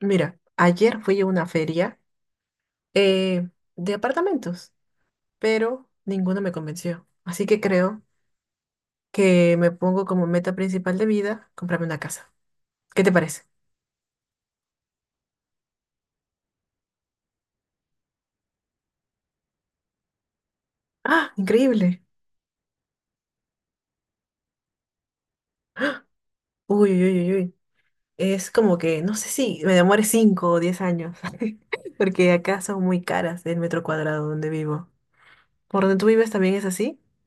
Mira, ayer fui a una feria eh, de apartamentos, pero ninguno me convenció. Así que creo que me pongo como meta principal de vida comprarme una casa. ¿Qué te parece? ¡Ah! Increíble. Uy, uy, uy, uy, uy. Es como que, no sé si me demore 5 o 10 años, porque acá son muy caras el metro cuadrado donde vivo. ¿Por donde tú vives también es así?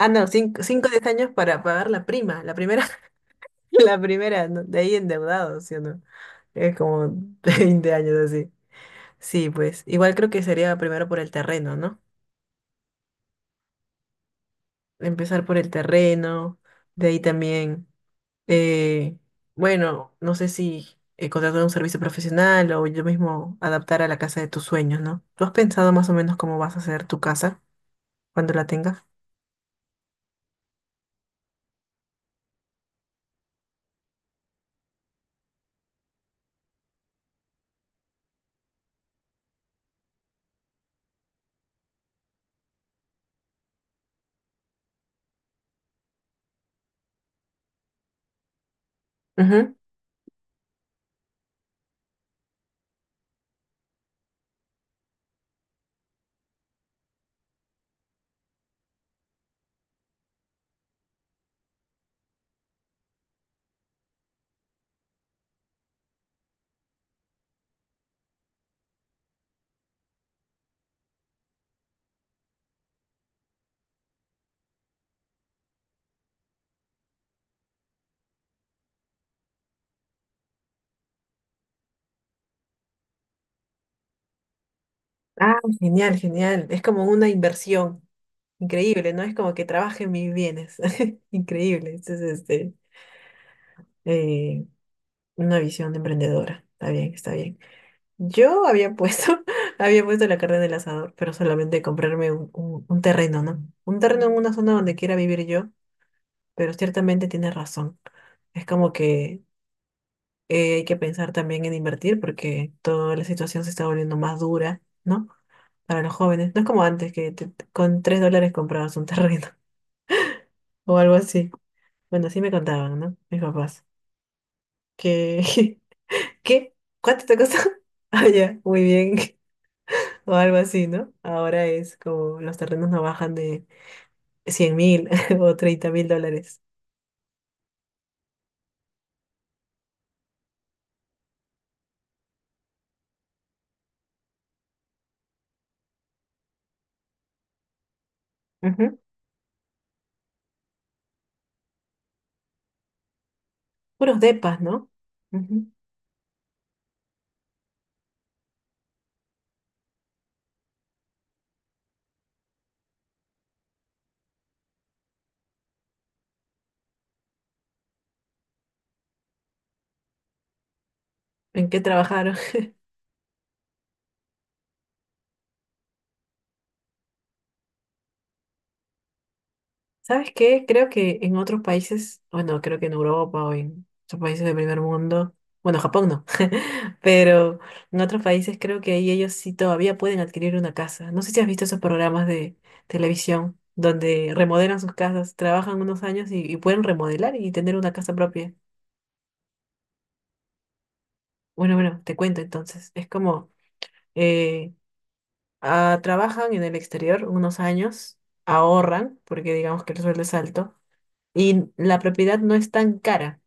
Ah, no, cinco, o 10 años para pagar la primera, la primera, ¿no? De ahí endeudados, ¿sí o no? Es como 20 años así. Sí, pues igual creo que sería primero por el terreno, ¿no? Empezar por el terreno, de ahí también, eh, bueno, no sé si contratar un servicio profesional o yo mismo adaptar a la casa de tus sueños, ¿no? ¿Tú has pensado más o menos cómo vas a hacer tu casa cuando la tengas? Ujú. Ah, genial, genial. Es como una inversión. Increíble, ¿no? Es como que trabaje en mis bienes. Increíble. Entonces, este, eh, una visión de emprendedora. Está bien, está bien. Yo había puesto, había puesto la carne en el asador, pero solamente comprarme un terreno, ¿no? Un terreno en una zona donde quiera vivir yo, pero ciertamente tienes razón. Es como que hay que pensar también en invertir porque toda la situación se está volviendo más dura, ¿no? Para los jóvenes. No es como antes que con $3 comprabas un terreno o algo así. Bueno, así me contaban, ¿no? Mis papás. Que, ¿qué? ¿Cuánto te costó? Ah, ya, muy bien, o algo así, ¿no? Ahora es como los terrenos no bajan de 100.000 o $30.000. Ujú. Puros depas, ¿no? Ujú. ¿En qué trabajaron? ¿Sabes qué? Creo que en otros países, bueno, creo que en Europa o en otros países del primer mundo, bueno, Japón no, pero en otros países creo que ahí ellos sí todavía pueden adquirir una casa. No sé si has visto esos programas de televisión donde remodelan sus casas, trabajan unos años y pueden remodelar y tener una casa propia. Bueno, bueno, te cuento entonces. Es como, eh, trabajan en el exterior unos años, ahorran, porque digamos que el sueldo es alto, y la propiedad no es tan cara.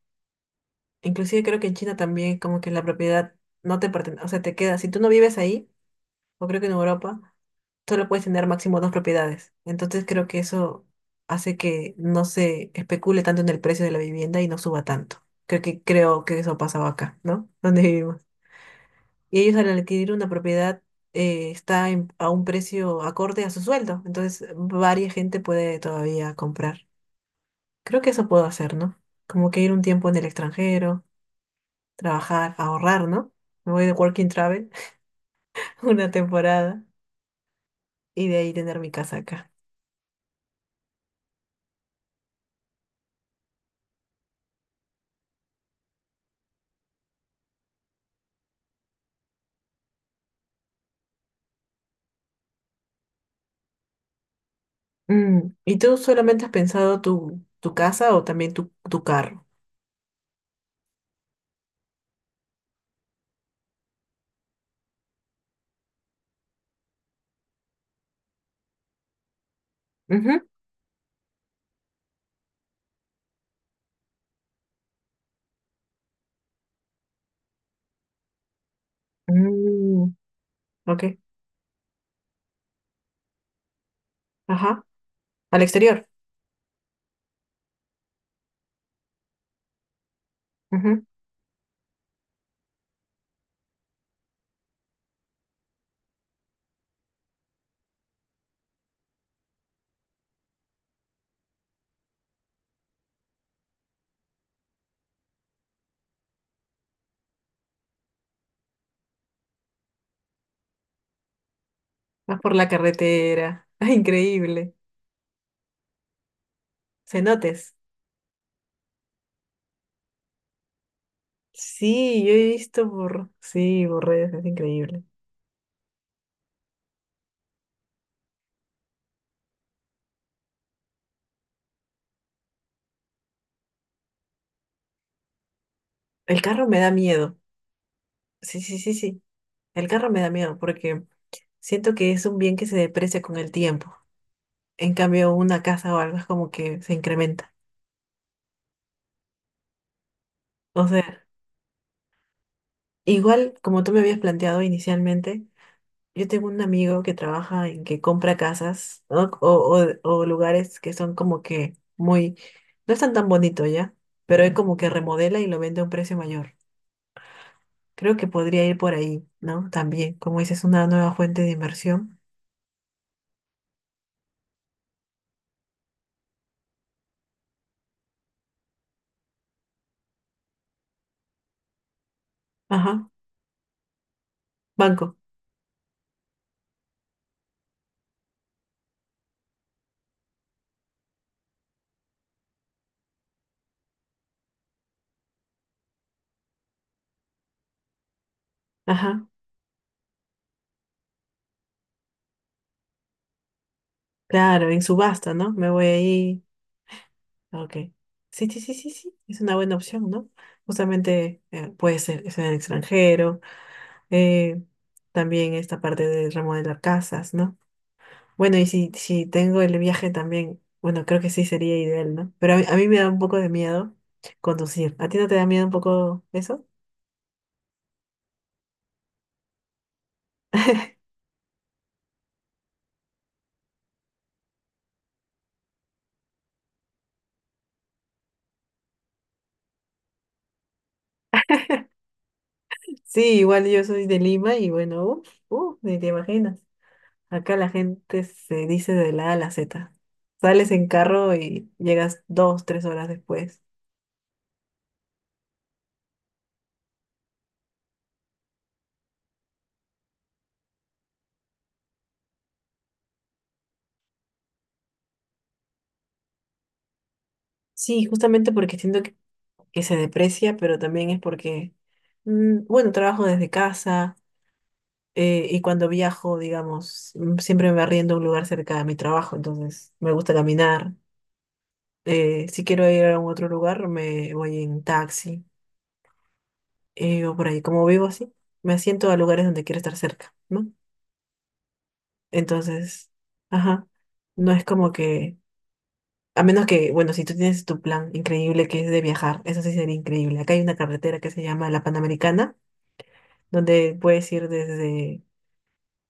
Inclusive creo que en China también como que la propiedad no te pertenece, o sea, te queda, si tú no vives ahí, o creo que en Europa, solo puedes tener máximo dos propiedades. Entonces creo que eso hace que no se especule tanto en el precio de la vivienda y no suba tanto. Creo que eso pasaba acá, ¿no? Donde vivimos. Y ellos al adquirir una propiedad está a un precio acorde a su sueldo, entonces varia gente puede todavía comprar. Creo que eso puedo hacer, ¿no? Como que ir un tiempo en el extranjero, trabajar, ahorrar, ¿no? Me voy de Working Travel una temporada y de ahí tener mi casa acá. ¿Y tú solamente has pensado tu casa o también tu carro? Ujú. Mm, ok, ajá, al exterior. Ujú. Vas por la carretera, increíble. Cenotes. Sí, yo he visto por, sí, por redes, es increíble. El carro me da miedo. Sí, sí, sí, sí. El carro me da miedo porque siento que es un bien que se deprecia con el tiempo. En cambio, una casa o algo es como que se incrementa. O sea, igual como tú me habías planteado inicialmente, yo tengo un amigo que trabaja en que compra casas, ¿no? O lugares que son como que muy, no están tan bonitos ya, pero él como que remodela y lo vende a un precio mayor. Creo que podría ir por ahí, ¿no? También, como dices, una nueva fuente de inversión. Ajá, banco. Ajá, claro, en subasta, ¿no? Me voy ahí. Ok. Sí, sí, sí, sí, sí. Es una buena opción, ¿no? Justamente puede ser, es en el extranjero. eh, También esta parte de remodelar casas, ¿no? Bueno, y si tengo el viaje también, bueno, creo que sí sería ideal, ¿no? Pero a mí me da un poco de miedo conducir. ¿A ti no te da miedo un poco eso? Sí, igual yo soy de Lima y bueno, uff, uff, ni te imaginas. Acá la gente se dice de la A a la Z. Sales en carro y llegas 2, 3 horas después. Sí, justamente porque siento que se deprecia, pero también es porque, bueno, trabajo desde casa y cuando viajo, digamos, siempre me arriendo a un lugar cerca de mi trabajo, entonces me gusta caminar. Si quiero ir a un otro lugar, me voy en taxi. O por ahí, como vivo así, me asiento a lugares donde quiero estar cerca, ¿no? Entonces, ajá, no es como que, a menos que, bueno, si tú tienes tu plan increíble que es de viajar, eso sí sería increíble. Acá hay una carretera que se llama la Panamericana, donde puedes ir desde,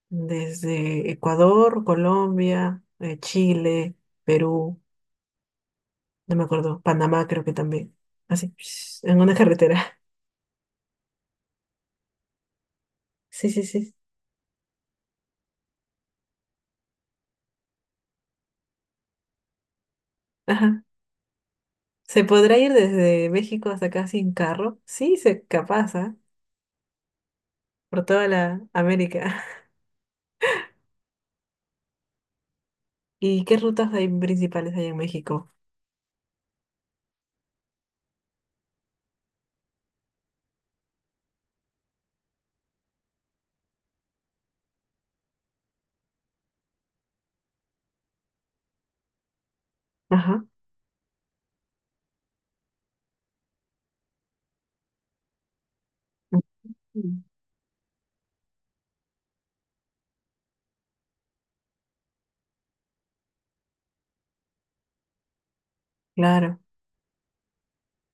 desde Ecuador, Colombia, Chile, Perú, no me acuerdo, Panamá creo que también, así, en una carretera. Sí, sí, sí. Ajá. ¿Se podrá ir desde México hasta acá sin carro? Sí, se capaz, ¿ah? Por toda la América. ¿Y qué rutas hay principales hay en México? Ajá. Mm. Claro.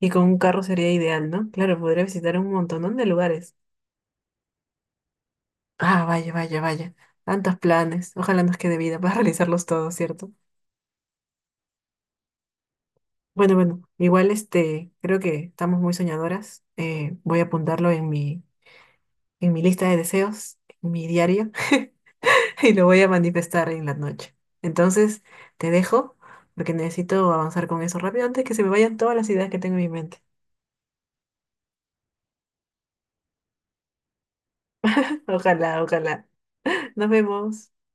Y con un carro sería ideal, ¿no? Claro, podría visitar un montón de lugares. Ah, vaya, vaya, vaya. Tantos planes. Ojalá nos quede vida para realizarlos todos, ¿cierto? Bueno, bueno, igual este, creo que estamos muy soñadoras. Voy a apuntarlo en mi lista de deseos, en mi diario. y lo voy a manifestar en la noche. Entonces, te dejo porque necesito avanzar con eso rápido antes que se me vayan todas las ideas que tengo en mi mente. Ojalá, ojalá. Nos vemos.